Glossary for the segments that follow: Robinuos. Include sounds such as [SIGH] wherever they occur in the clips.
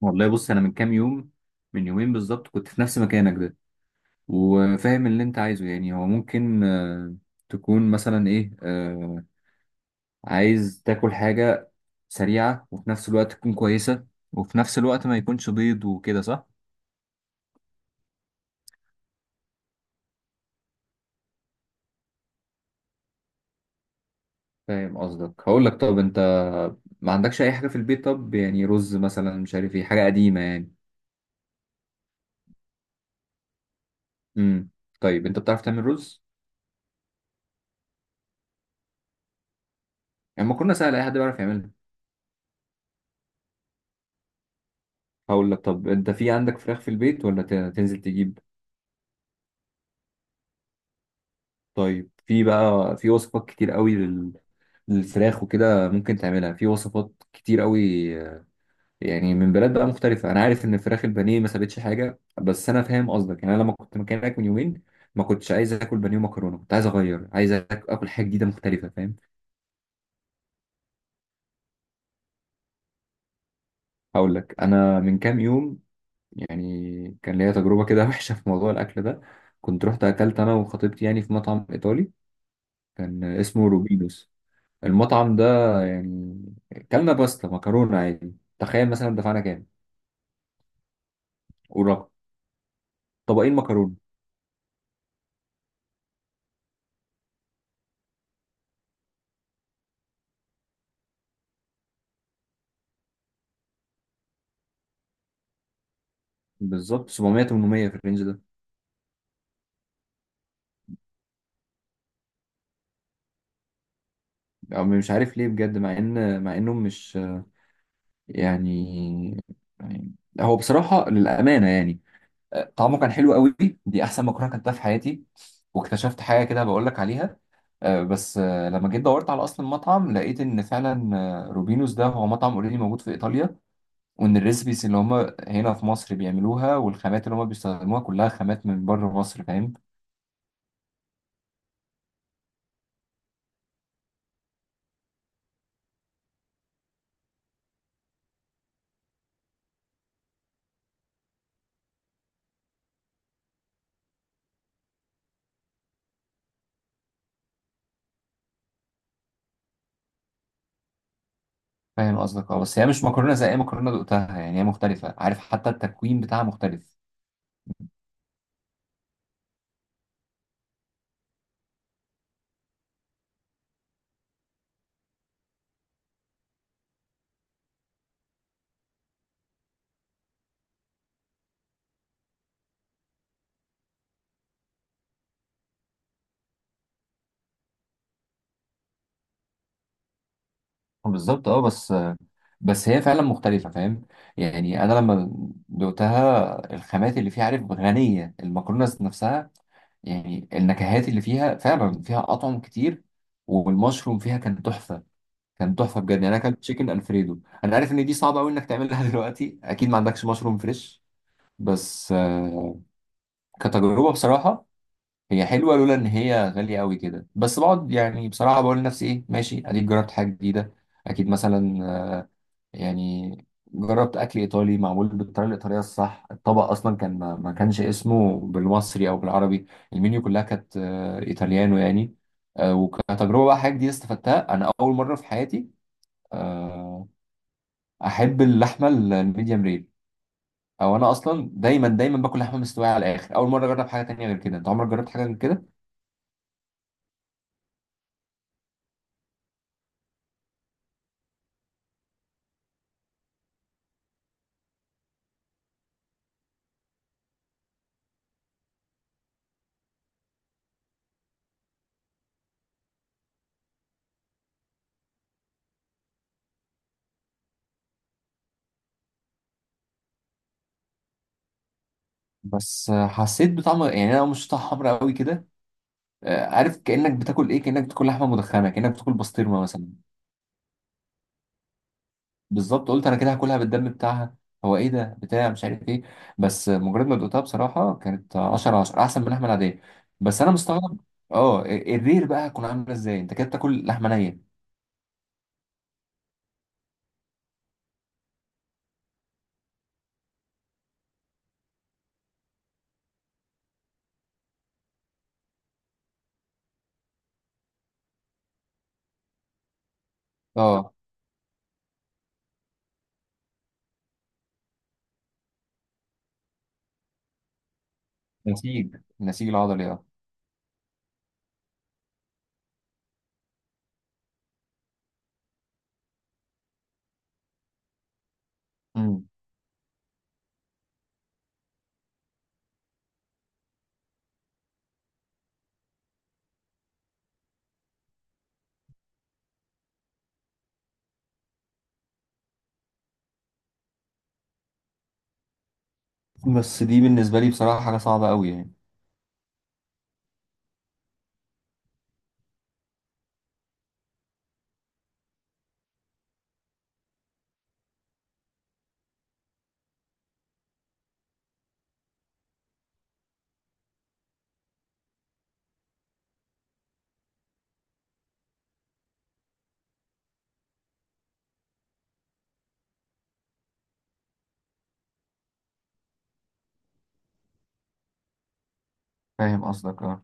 والله، بص، انا من كام يوم، من يومين بالظبط كنت في نفس مكانك ده وفاهم اللي انت عايزه. يعني هو ممكن تكون مثلا ايه عايز تاكل حاجة سريعة، وفي نفس الوقت تكون كويسة، وفي نفس الوقت ما يكونش بيض، وكده صح؟ فاهم قصدك. هقول لك، طب انت ما عندكش اي حاجة في البيت؟ طب يعني رز مثلا، مش عارف ايه، حاجة قديمة يعني. امم طيب، انت بتعرف تعمل رز؟ يعني ما كنا سهل، اي حد بيعرف يعملها. هقول لك، طب انت في عندك فراخ في البيت، ولا تنزل تجيب؟ طيب، في بقى في وصفات كتير قوي للفراخ وكده، ممكن تعملها في وصفات كتير قوي. آه، يعني من بلاد بقى مختلفة. أنا عارف إن فراخ البانيه ما سابتش حاجة، بس أنا فاهم قصدك. يعني أنا لما كنت مكانك من يومين، ما كنتش عايز آكل بانيه ومكرونة، كنت عايز أغير، عايز آكل حاجة جديدة مختلفة، فاهم. هقول لك، أنا من كام يوم، يعني كان ليا تجربة كده [LAUGHS] وحشة في موضوع الأكل ده. كنت رحت أكلت أنا وخطيبتي يعني في مطعم إيطالي، كان اسمه روبينوس، المطعم ده. يعني كلنا باستا مكرونة عادي. تخيل مثلا دفعنا كام ورقم طبقين مكرونة؟ بالظبط 700-800 في الرينج ده. أو مش عارف ليه بجد، مع انهم مش يعني يعني- هو بصراحة للأمانة يعني، طعمه كان حلو قوي. دي أحسن مكرونة كلتها في حياتي. واكتشفت حاجة كده بقول لك عليها. بس لما جيت دورت على أصل المطعم، لقيت إن فعلا روبينوس ده هو مطعم اوريدي موجود في إيطاليا، وان الريسبيس اللي هم هنا في مصر بيعملوها، والخامات اللي هم بيستخدموها كلها خامات من بره مصر، فاهم. فاهم قصدك اه. بس هي مش مكرونه زي اي مكرونه دقتها، يعني هي مختلفه، عارف حتى التكوين بتاعها مختلف. بالظبط اه، بس هي فعلا مختلفه، فاهم. يعني انا لما دقتها الخامات اللي فيها، عارف غنيه، المكرونه نفسها يعني النكهات اللي فيها فعلا، فيها اطعم كتير. والمشروم فيها كان تحفه، كان تحفه بجد. يعني انا اكلت تشيكن الفريدو. انا عارف ان دي صعبه قوي انك تعملها [LAUGHS] دلوقتي، اكيد ما عندكش مشروم فريش. بس كتجربه بصراحه، هي حلوه لولا ان هي غاليه قوي كده. بس بقعد يعني بصراحه بقول لنفسي، ايه ماشي، اديك جربت حاجه جديده. اكيد مثلا يعني جربت اكل ايطالي معمول بالطريقه الايطاليه الصح. الطبق اصلا كان ما كانش اسمه بالمصري او بالعربي. المنيو كلها كانت ايطاليانو يعني. وكتجربه بقى حاجه جديده استفدتها انا اول مره في حياتي. آه، احب اللحمه الميديم رير. او انا اصلا دايما دايما باكل لحمه مستويه على الاخر. اول مره اجرب حاجه تانية غير كده، انت عمرك جربت حاجه غير كده؟ بس حسيت بطعم، يعني انا مش طعم حمرا قوي كده. عارف كانك بتاكل ايه؟ كانك بتاكل لحمه مدخنه، كانك بتاكل بسطرمه مثلا. بالظبط، قلت انا كده هاكلها بالدم بتاعها، هو ايه ده بتاع مش عارف ايه. بس مجرد ما دقتها بصراحه، كانت 10/10 احسن من اللحمه العاديه. بس انا مستغرب، اه الرير بقى هتكون عامله ازاي، انت كده بتاكل لحمه نيه. اه، نسيج العضلي. اه، بس دي بالنسبة لي بصراحة حاجة صعبة قوي يعني. فاهم قصدك اه.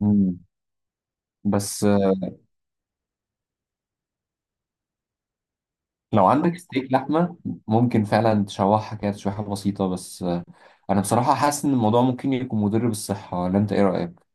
مم. بس لو عندك ستيك لحمة، ممكن فعلا تشوحها كده تشويحة بسيطة. بس أنا بصراحة حاسس إن الموضوع ممكن يكون مضر بالصحة، ولا أنت إيه رأيك؟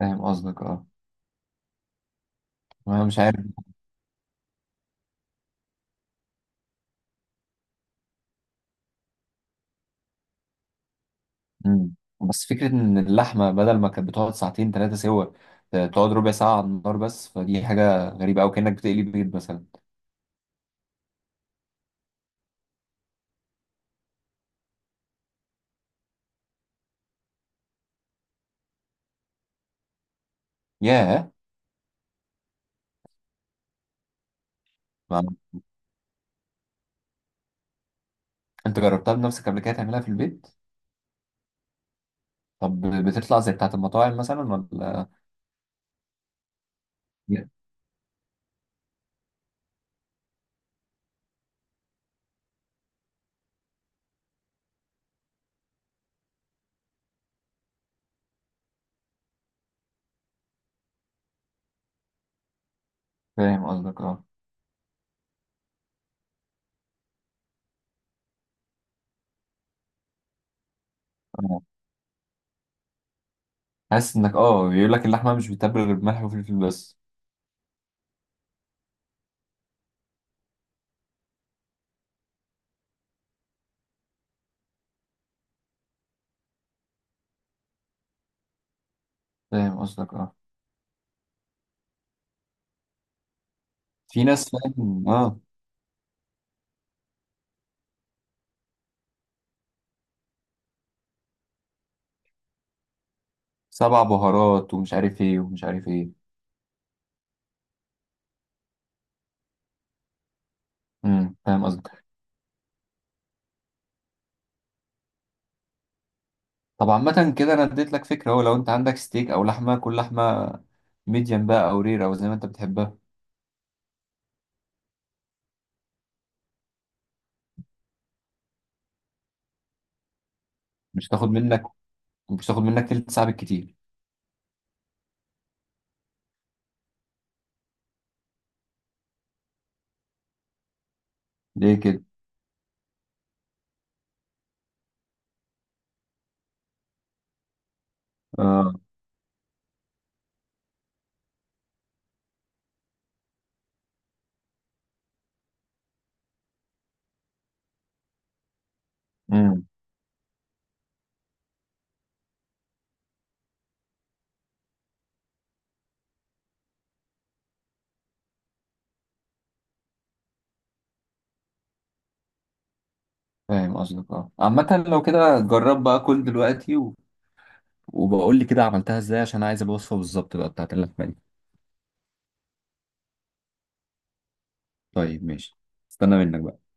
فاهم قصدك اه، أنا مش عارف. مم. بس فكرة إن اللحمة بدل ما كانت بتقعد ساعتين ثلاثة سوا، تقعد ربع ساعة على النار بس، فدي حاجة غريبة أوي، كأنك بتقلي بيض مثلا. ياه. ما- أنت جربتها بنفسك قبل كده تعملها في البيت؟ طب بتطلع زي بتاعة المطاعم مثلا، ولا؟ فاهم قصدك اه. آه. حاسس انك بيقول لك اللحمه مش بتتبل غير بملح وفلفل بس. فاهم قصدك اه. في ناس، فاهم اه. سبع بهارات ومش عارف ايه ومش عارف ايه. فاهم قصدك. طب عامه كده، انا اديت لك فكره اهو، لو انت عندك ستيك او لحمه، كل لحمه ميديم بقى او رير او زي ما انت بتحبها. مش تاخد منك مش تاخد منك تلت ساعه بالكتير. ليه كده؟ اه. امم فاهم قصدك اه. عامه لو كده، جرب بقى كل دلوقتي و... وبقول لي كده عملتها ازاي، عشان عايز الوصفه بالظبط بقى بتاعت اللحمه دي. طيب ماشي، استنى منك بقى.